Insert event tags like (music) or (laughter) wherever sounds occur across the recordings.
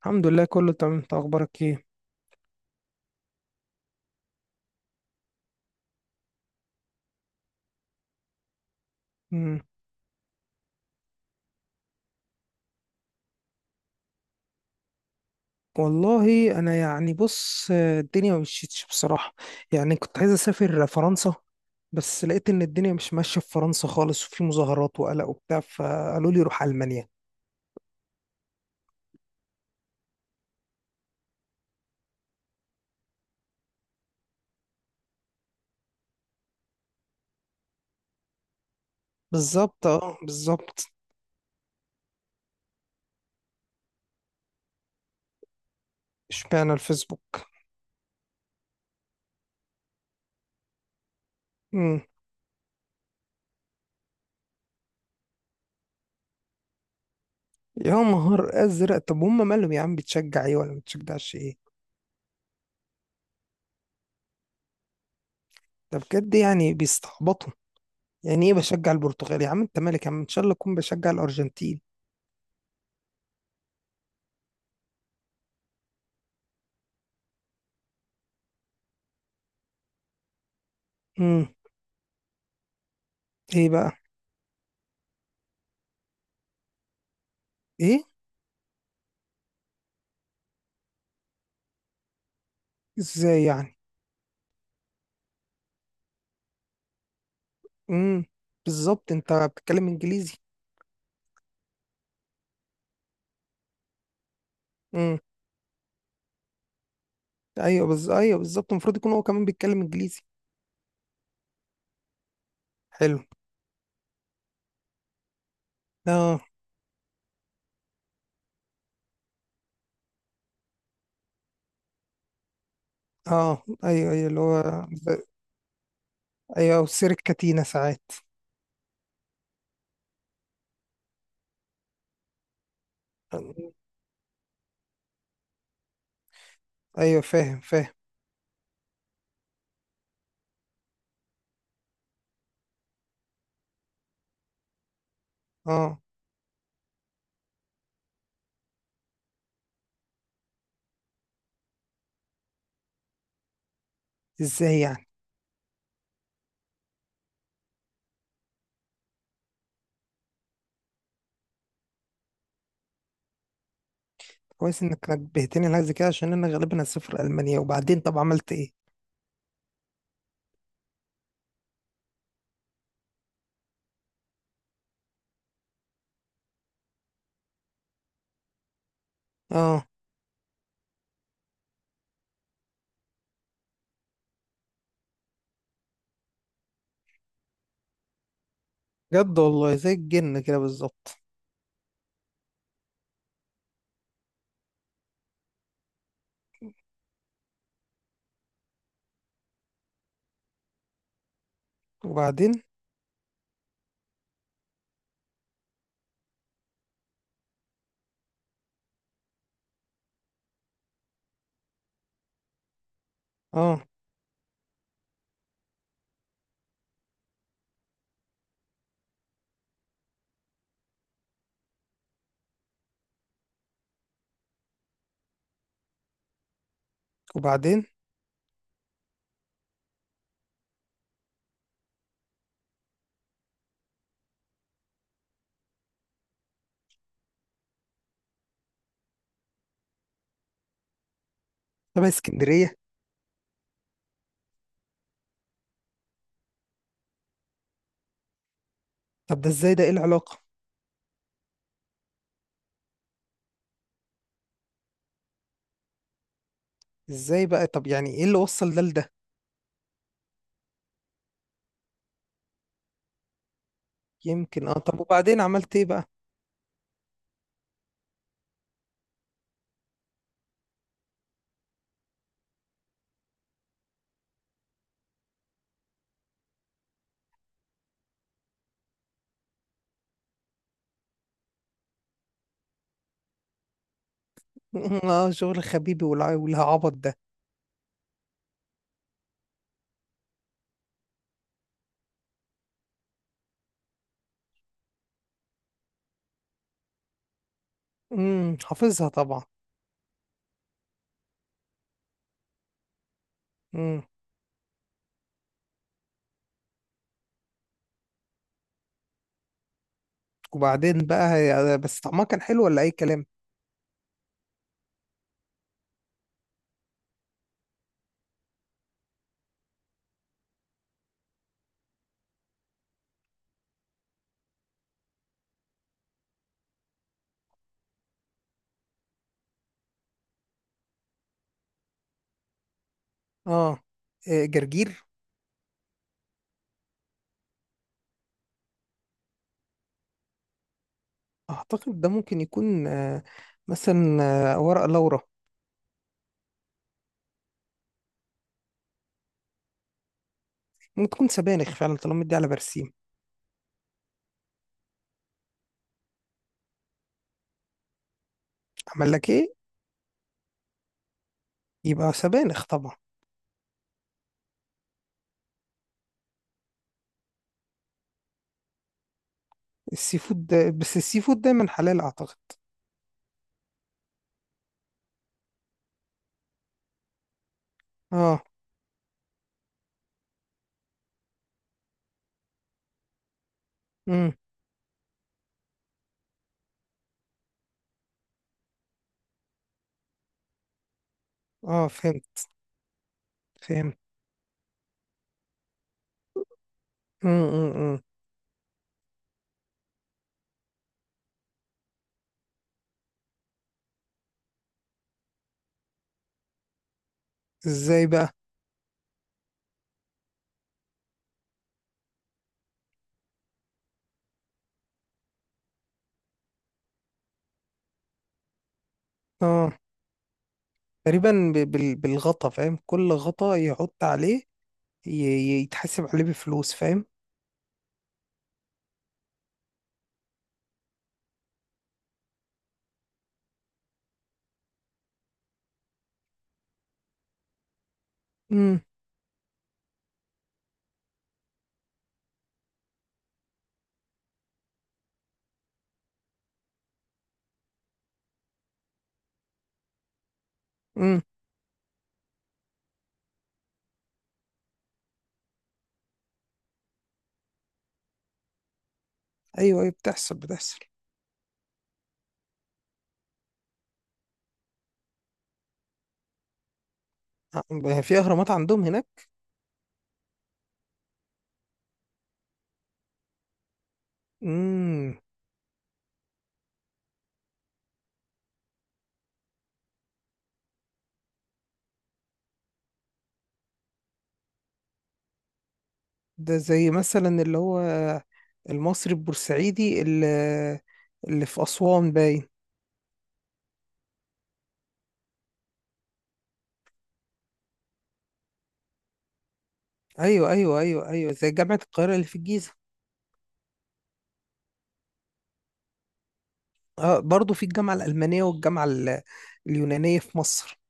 الحمد لله، كله تمام. انت اخبارك ايه؟ مم. والله انا يعني بص، الدنيا ما مشيتش بصراحه. يعني كنت عايز اسافر فرنسا. بس لقيت ان الدنيا مش ماشيه في فرنسا خالص، وفي مظاهرات وقلق وبتاع، فقالوا لي روح المانيا. بالظبط، اه، بالظبط. اشمعنى الفيسبوك؟ مم. يا نهار ازرق، طب هم مالهم يا عم؟ بتشجع ايه ولا ما بتشجعش ايه؟ ده بجد؟ يعني بيستعبطوا. يعني ايه بشجع البرتغال؟ يا عم انت مالك؟ يا عم ان شاء الله اكون بشجع الارجنتين. مم. ايه بقى؟ ايه؟ ازاي يعني؟ امم. بالظبط، انت بتتكلم انجليزي. امم. ايوه ايوه، بالظبط، المفروض يكون هو كمان بيتكلم انجليزي. حلو. اه، اه، ايوه، ايوه، اللي هو ايوه، وسيرة كاتينا ساعات. ايوه، فاهم فاهم. اه. ازاي يعني؟ كويس انك نبهتني لحاجه زي كده، عشان انا غالبا هسافر المانيا. وبعدين طب عملت ايه؟ اه. جد والله، زي الجن كده بالظبط. وبعدين؟ اه. وبعدين؟ طب اسكندريه؟ طب ده ازاي؟ ده ايه العلاقه؟ ازاي بقى؟ طب يعني ايه اللي وصل ده لده؟ يمكن. اه، طب وبعدين عملت ايه بقى؟ (laughs) اه، شغل خبيبي والعبط ده. امم، حافظها طبعا. امم. وبعدين بقى بس طعمها كان حلو ولا اي كلام؟ اه. إيه، جرجير. اعتقد ده ممكن يكون، مثلا، ورق لورا. ممكن تكون سبانخ فعلا، طالما دي على برسيم. عمل لك ايه؟ يبقى سبانخ طبعا. السي فود ده، بس السي فود دايما حلال اعتقد. اه. امم. اه، فهمت فهمت. امم، امم، أمم. ازاي بقى؟ اه، تقريبا بالغطا، فاهم؟ كل غطا يحط عليه يتحاسب عليه بفلوس، فاهم. امم، امم. ايوه، ايوه، بتحصل بتحصل. في اهرامات عندهم هناك؟ امم. ده زي مثلا اللي هو المصري البورسعيدي اللي في اسوان باين. ايوه، ايوه، ايوه، ايوه، زي جامعه القاهره اللي في الجيزه. اه، برضه في الجامعه الالمانيه والجامعه اليونانيه في مصر.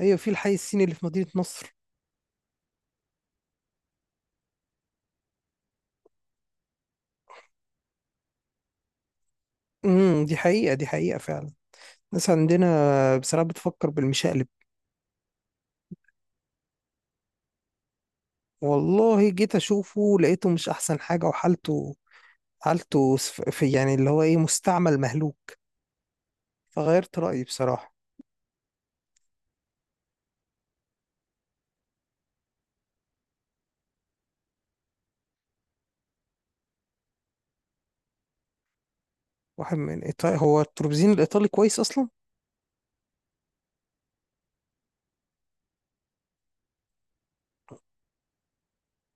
ايوه، في الحي الصيني اللي في مدينه نصر. امم، دي حقيقه دي حقيقه فعلا. الناس عندنا بصراحة بتفكر بالمشقلب. والله جيت أشوفه، لقيته مش أحسن حاجة، وحالته حالته في يعني اللي هو إيه، مستعمل مهلوك. فغيرت رأيي بصراحة. واحد من إيطاليا، هو التروبزين الإيطالي كويس أصلا.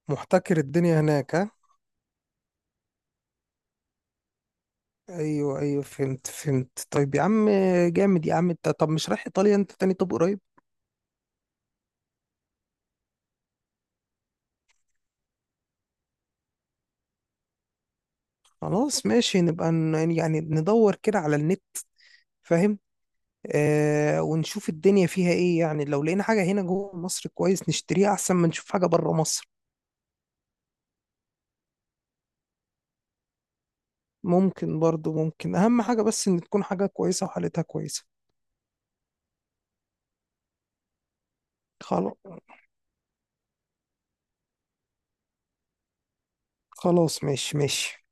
محتكر الدنيا هناك، ها. أيوه، أيوه، فهمت فهمت. طيب يا عم. جامد يا عم أنت. طب مش رايح إيطاليا أنت تاني؟ طب قريب. خلاص ماشي، نبقى يعني ندور كده على النت، فاهم. ونشوف الدنيا فيها ايه. يعني لو لقينا حاجة هنا جوه مصر، كويس نشتريها، احسن ما نشوف حاجة بره مصر. ممكن برضو، ممكن، اهم حاجة بس ان تكون حاجة كويسة وحالتها كويسة. خلاص. خلاص ماشي ماشي.